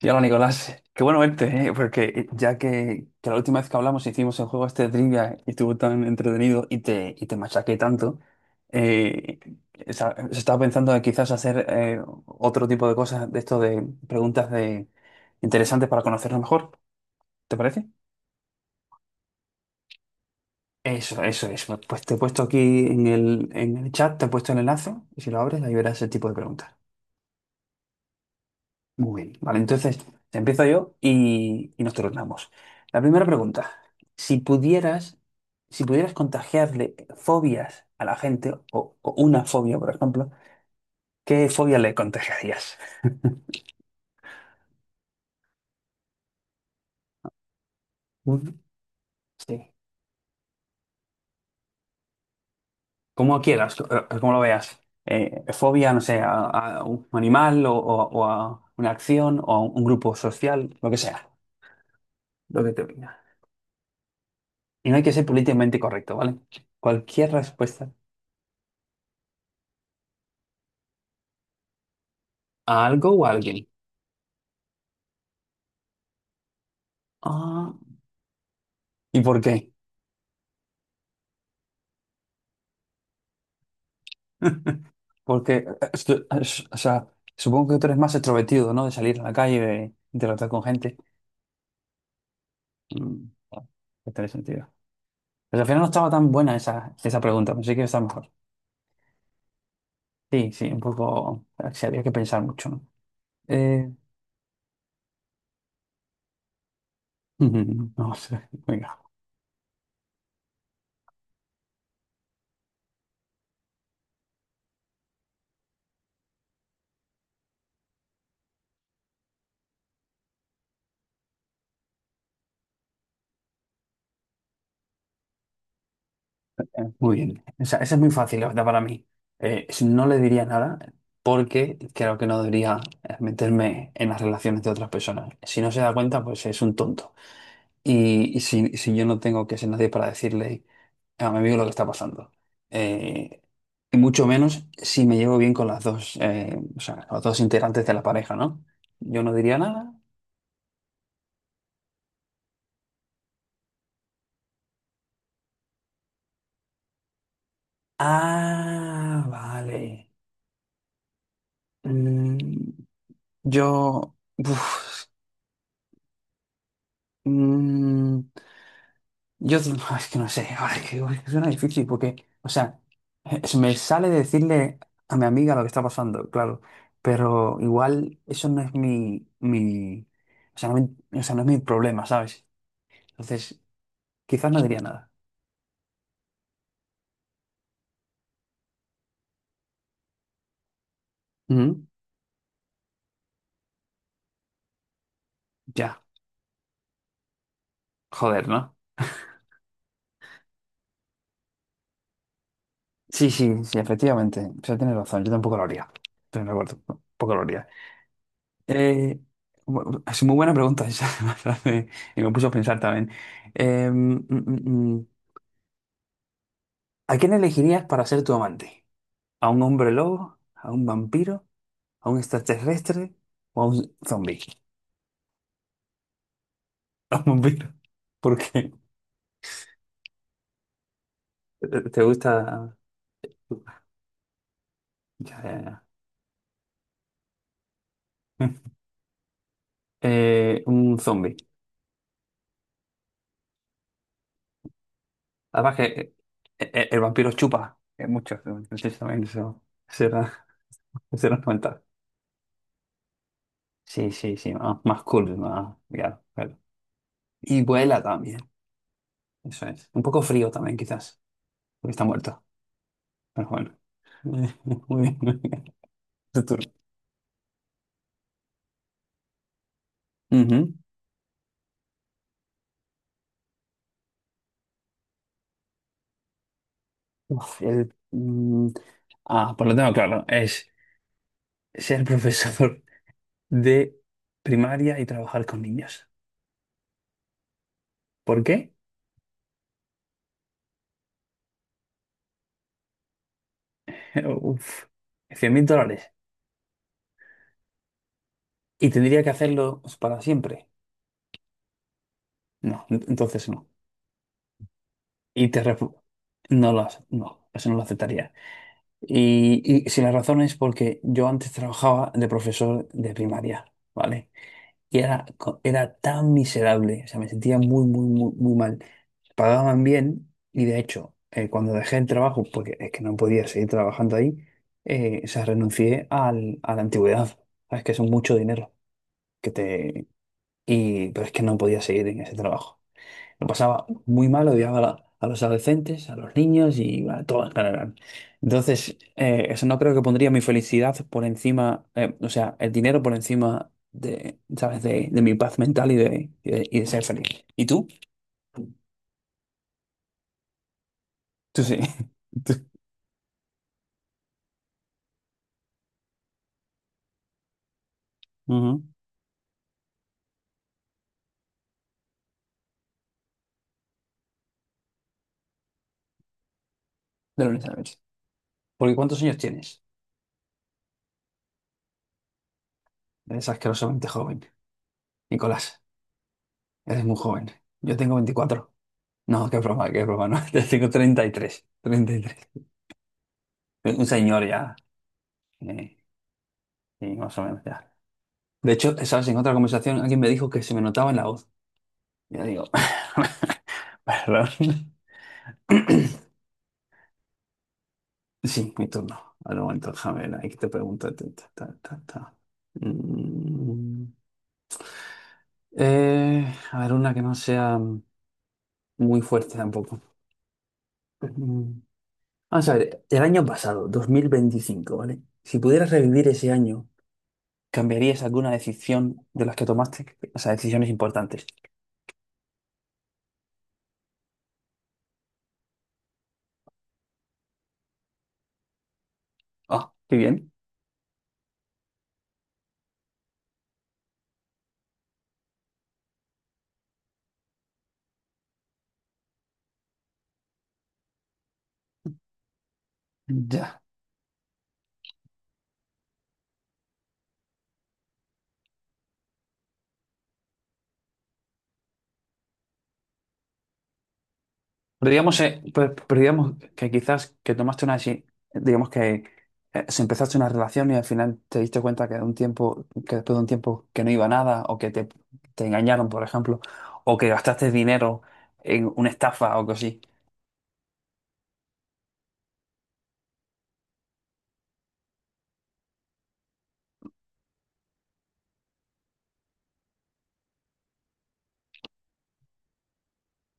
Y hola Nicolás, qué bueno verte, ¿eh? Porque ya que la última vez que hablamos hicimos el juego este de trivia y estuvo tan entretenido y te machaqué tanto, eh, se estaba pensando de quizás hacer otro tipo de cosas de esto de preguntas de interesantes para conocernos mejor, ¿te parece? Eso, eso, eso. Pues te he puesto aquí en el chat, te he puesto el enlace y si lo abres ahí verás ese tipo de preguntas. Muy bien, vale, entonces empiezo yo y nos turnamos. La primera pregunta, si pudieras, si pudieras contagiarle fobias a la gente, o una fobia, por ejemplo, ¿qué fobia le contagiarías? Mm. Sí. Como quieras, como lo veas. Fobia, no sé, a un animal, o a una acción o a un grupo social, lo que sea, lo que te venga. Y no hay que ser políticamente correcto, ¿vale? Cualquier respuesta a algo o a alguien. Ah, ¿y por qué? Porque, o sea, supongo que tú eres más extrovertido, ¿no? De salir a la calle, de interactuar con gente. Mm, que tiene sentido. Pero al final no estaba tan buena esa, esa pregunta, pensé que iba a estar mejor. Sí, sí, un poco, sí, había que pensar mucho, ¿no? Eh, no sé, venga. Muy bien. O sea, esa es muy fácil, la verdad, para mí. Si no le diría nada porque creo que no debería, meterme en las relaciones de otras personas. Si no se da cuenta, pues es un tonto. Y si yo no tengo que ser nadie para decirle a mi amigo lo que está pasando. Eh, y mucho menos si me llevo bien con las dos, o sea, los dos integrantes de la pareja, ¿no? Yo no diría nada. Ah, vale. Mm, yo. uf, mm, Yo, digo, es que no sé, ahora es que suena difícil porque, o sea, me sale decirle a mi amiga lo que está pasando, claro, pero igual eso no es o sea, no, o sea, no es mi problema, ¿sabes? Entonces, quizás no diría nada. Ujú. Ya, joder, ¿no? Sí, sí, sí, efectivamente, o sea, tienes razón, yo tampoco lo haría, estoy de acuerdo, tampoco lo haría. Eh, es muy buena pregunta esa, me hace- y me puso a pensar también. Em, mm, mm, mm. ¿A quién elegirías para ser tu amante? ¿A un hombre lobo? ¿A un vampiro? ¿A un extraterrestre? ¿O a un zombie? A un vampiro. ¿Por qué? ¿Te gusta? Ya, ya, ya. Un zombie. Además que el vampiro chupa mucho. Entonces también eso será, será una ventaja. Sí, sí, sí. Más, más cool. Más, ya, claro. Y vuela también. Eso es. Un poco frío también, quizás. Porque está muerto. Pero bueno. Muy bien. Tu turno. Ujú. Uf, el, mm, ah, Pues lo tengo claro, es ser profesor de primaria y trabajar con niños. ¿Por qué? Uf, 100 mil dólares. ¿Y tendría que hacerlo para siempre? No, entonces no. Y te refu- no lo, hace- No, eso no lo aceptaría. Y si la razón es porque yo antes trabajaba de profesor de primaria, ¿vale? Y era tan miserable, o sea, me sentía muy, muy, muy, muy mal. Pagaban bien y de hecho, cuando dejé el trabajo, porque es que no podía seguir trabajando ahí, o sea, renuncié a la antigüedad. Sabes que es mucho dinero que te... Pero es que no podía seguir en ese trabajo. Lo pasaba muy mal, odiaba a los adolescentes, a los niños y bueno, a todo en general. Entonces, eso no creo que pondría mi felicidad por encima, o sea, el dinero por encima de, ¿sabes? De mi paz mental y de ser feliz. ¿Y tú? Tú sí. Tú. Ujú. De lunes a noche. Porque ¿cuántos años tienes? Eres asquerosamente joven, Nicolás. Eres muy joven. Yo tengo 24. No, qué broma, no. Yo tengo treinta y tres. Un señor ya. eh, sí, más o menos ya. De hecho, sabes, en otra conversación alguien me dijo que se me notaba en la voz. Ya digo, perdón. Sí, mi turno. Al momento, déjame ver, ahí te pregunto. Ta, ta, ta, ta, ta. Mm, eh, a ver, una que no sea muy fuerte tampoco. Mm, Vamos a ver, el año pasado, 2025, ¿vale? Si pudieras revivir ese año, ¿cambiarías alguna decisión de las que tomaste? O sea, decisiones importantes. Ah, qué bien. Ya. Pero digamos, pero digamos que quizás que tomaste digamos que se empezaste una relación y al final te diste cuenta que de un tiempo, que después de un tiempo que no iba a nada, o que te engañaron, por ejemplo, o que gastaste dinero en una estafa o algo así.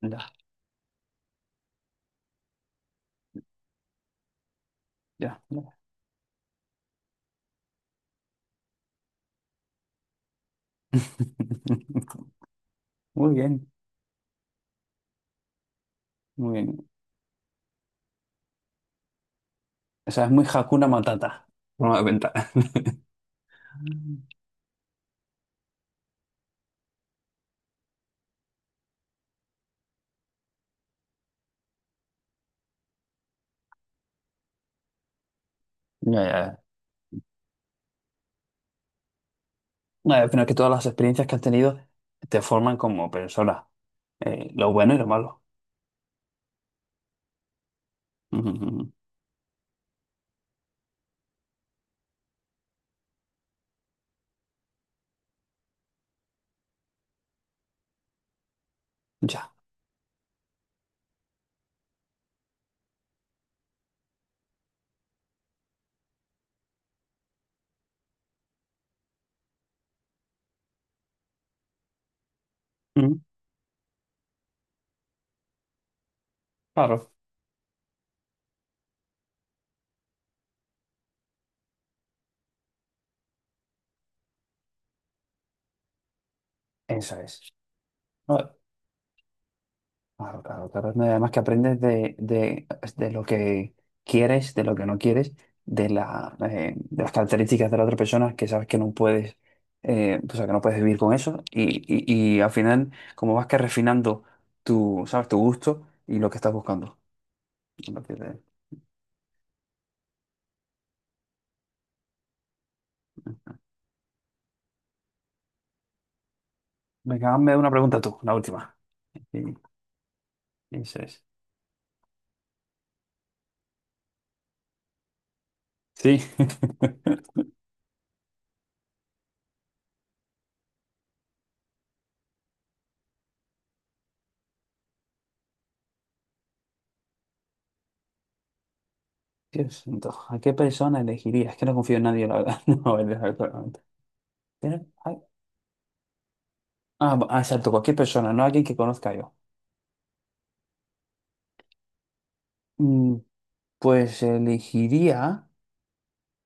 Ya, ya, ya. Muy bien, muy bien. O sea, es muy Hakuna Matata, por una cuenta. Ya, ya, ya. Pero es que todas las experiencias que has tenido te forman como persona, lo bueno y lo malo. Ujú, ujú. Ya. Mm, claro. Eso es. Ah, claro, claro, claro. No, y además que aprendes de lo que quieres, de lo que no quieres, de las características de la otra persona que sabes que no puedes, o sea, que no puedes vivir con eso. Y al final, como vas que refinando tu, ¿sabes? Tu gusto y lo que estás buscando. A partir ahí. Venga, hazme una pregunta tú, la última. Sí, eso es. Sí. Dios santo, ¿a qué persona elegirías? Es que no confío en nadie, la verdad. No, es verdad. Pero hay- Ah, ah, exacto, cualquier persona, no alguien que conozca yo. Mm, Pues elegiría,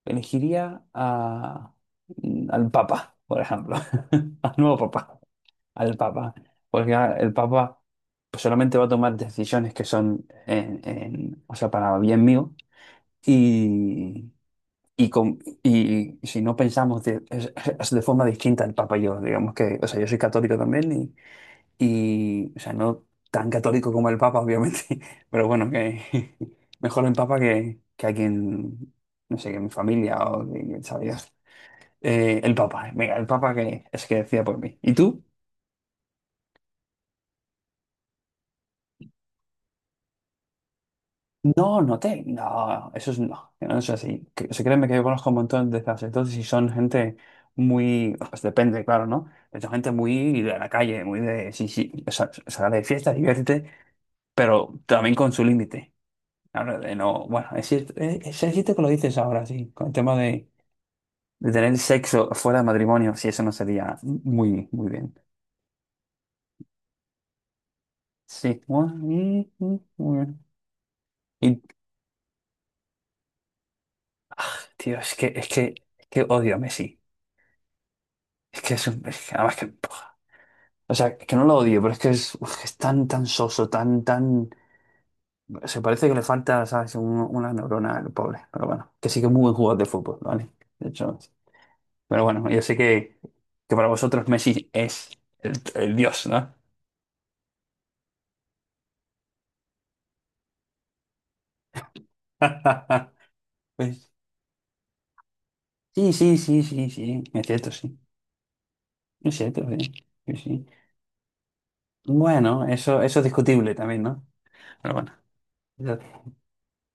elegiría al Papa, por ejemplo, al nuevo Papa, al Papa, porque ah, el Papa pues, solamente va a tomar decisiones que son, o sea, para bien mío y, y, con- y si no pensamos es de forma distinta el Papa y yo, digamos que, o sea, yo soy católico también. Y, o sea, no tan católico como el Papa, obviamente, pero bueno, que mejor el Papa que alguien, no sé, que mi familia o que sabe Dios. El Papa, venga, el Papa que es que decía por mí. ¿Y tú? No, no te, no, eso es no, no es así. Que, o sea, créeme que yo conozco un montón de esas, entonces y son gente muy, pues depende, claro, ¿no? Pero son gente muy de la calle, muy de, sí, sí, o sea, sal de fiesta, diviértete, pero también con su límite. Ahora, de no, bueno, es cierto que lo dices ahora, sí, con el tema de tener sexo fuera del matrimonio, sí, eso no sería muy, muy bien. Sí, bueno, muy bien. Y, tío, es que odio a Messi. Es que es un, es que además que, puf. O sea, que no lo odio, pero es que es, que es tan, tan soso, tan, tan, se parece que le falta, ¿sabes? Una neurona al pobre, pero bueno, que sí que es muy buen jugador de fútbol, ¿vale? De hecho, sí. Pero bueno, yo sé que para vosotros Messi es el dios, ¿no? Pues sí, sí, sí, sí, sí, es cierto, sí. Es cierto, sí. Sí, sí. Bueno, eso es discutible también, ¿no? Pero bueno. Ya.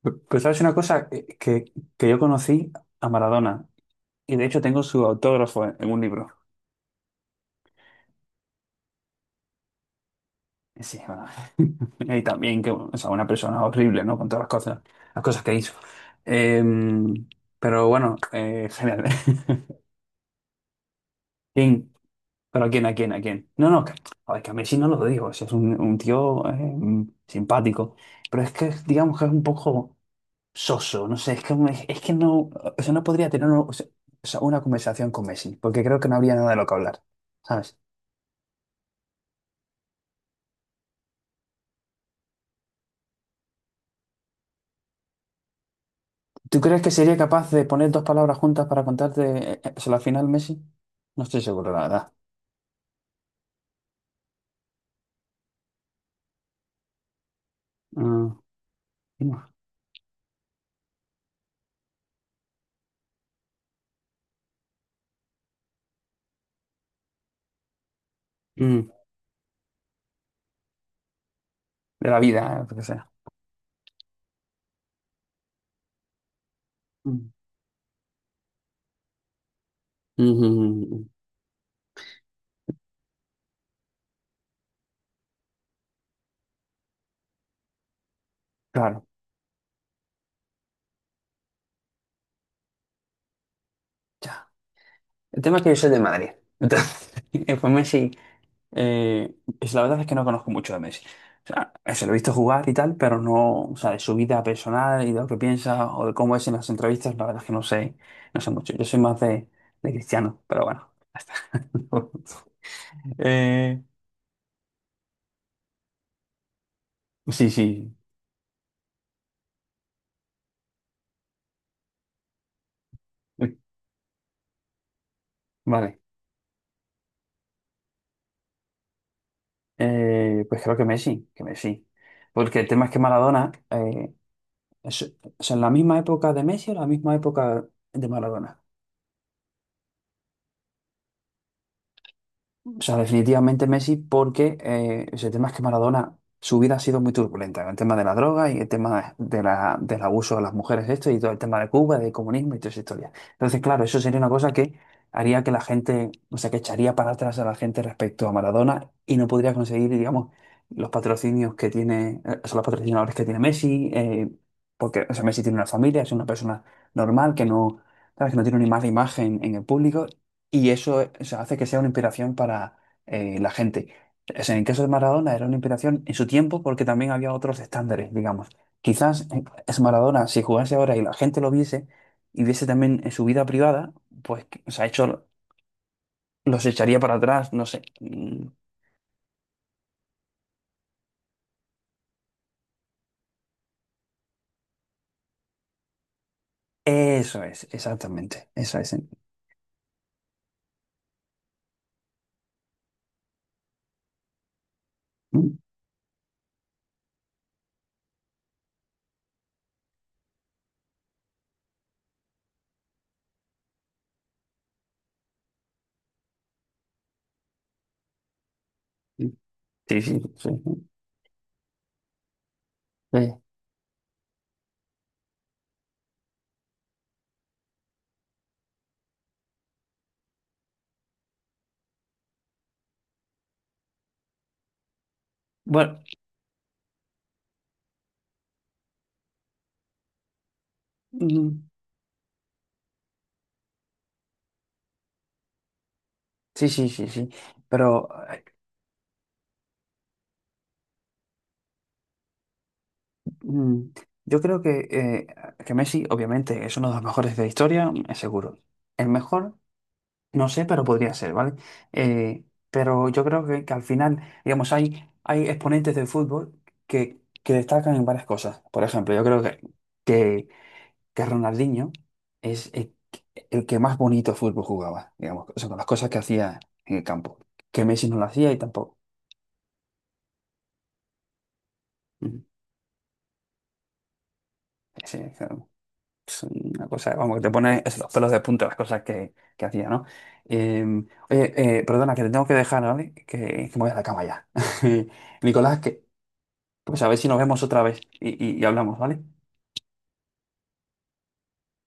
Pero sabes una cosa que yo conocí a Maradona y de hecho tengo su autógrafo en un libro. Sí, bueno. Y también que, o sea, una persona horrible, ¿no? Con todas las cosas que hizo. Em, pero bueno, genial. ¿Pero a quién, a quién, a quién? No, no, que, a ver, que a Messi no lo digo, si es un tío, simpático, pero es que digamos que es un poco soso, no sé, es que, es que no, o sea, no podría tener o sea, una conversación con Messi, porque creo que no habría nada de lo que hablar, ¿sabes? ¿Tú crees que sería capaz de poner dos palabras juntas para contarte, o sea, la final, Messi? No estoy seguro, la verdad. Mm, mm. De la vida, lo que sea. Mm, mm, mm, mm, mm. Claro, ya. El tema es que yo soy de Madrid. Entonces, pues Messi. Eh, la verdad es que no conozco mucho de Messi. O sea, se lo he visto jugar y tal, pero no, o sea, de su vida personal y de lo que piensa o de cómo es en las entrevistas, la verdad es que no sé, no sé mucho. Yo soy más de Cristiano, pero bueno, ya está. Eh, sí, sí. Uy, vale. Pues creo que Messi. Porque el tema es que Maradona, es, o sea, en la misma época de Messi o la misma época de Maradona. O sea, definitivamente Messi porque ese tema es que Maradona, su vida ha sido muy turbulenta, el tema de la droga y el tema de la, del abuso de las mujeres, esto y todo el tema de Cuba, del comunismo y toda esa historia. Entonces, claro, eso sería una cosa que haría que la gente, o sea, que echaría para atrás a la gente respecto a Maradona y no podría conseguir, digamos, los patrocinios que tiene, o sea, los patrocinadores que tiene Messi, porque, o sea, Messi tiene una familia, es una persona normal que no, sabes, que no tiene una mala imagen en el público y eso, o sea, hace que sea una inspiración para la gente. O sea, en el caso de Maradona era una inspiración en su tiempo porque también había otros estándares, digamos. Quizás es Maradona, si jugase ahora y la gente lo viese y viese también en su vida privada, pues o sea, hecho, los echaría para atrás, no sé. Eso es, exactamente. Eso es. Mm, mm, sí, sí, sí, sí. Sí. Bueno, mm, sí, sí, sí, sí. Pero Mm, Yo creo que Messi, obviamente, es uno de los mejores de la historia, es seguro. El mejor, no sé, pero podría ser, ¿vale? Eh, pero yo creo que, al final, digamos, hay exponentes del fútbol que destacan en varias cosas. Por ejemplo, yo creo que, que Ronaldinho es el que más bonito fútbol jugaba, digamos, o sea, con las cosas que hacía en el campo, que Messi no lo hacía y tampoco. Ujú. Sí, claro. Es una cosa, vamos, que te pone los pelos de punta las cosas que hacía, ¿no? Eh, Oye, perdona, que te tengo que dejar, ¿vale? Que me voy a la cama ya. Nicolás, que, pues a ver si nos vemos otra vez y hablamos, ¿vale?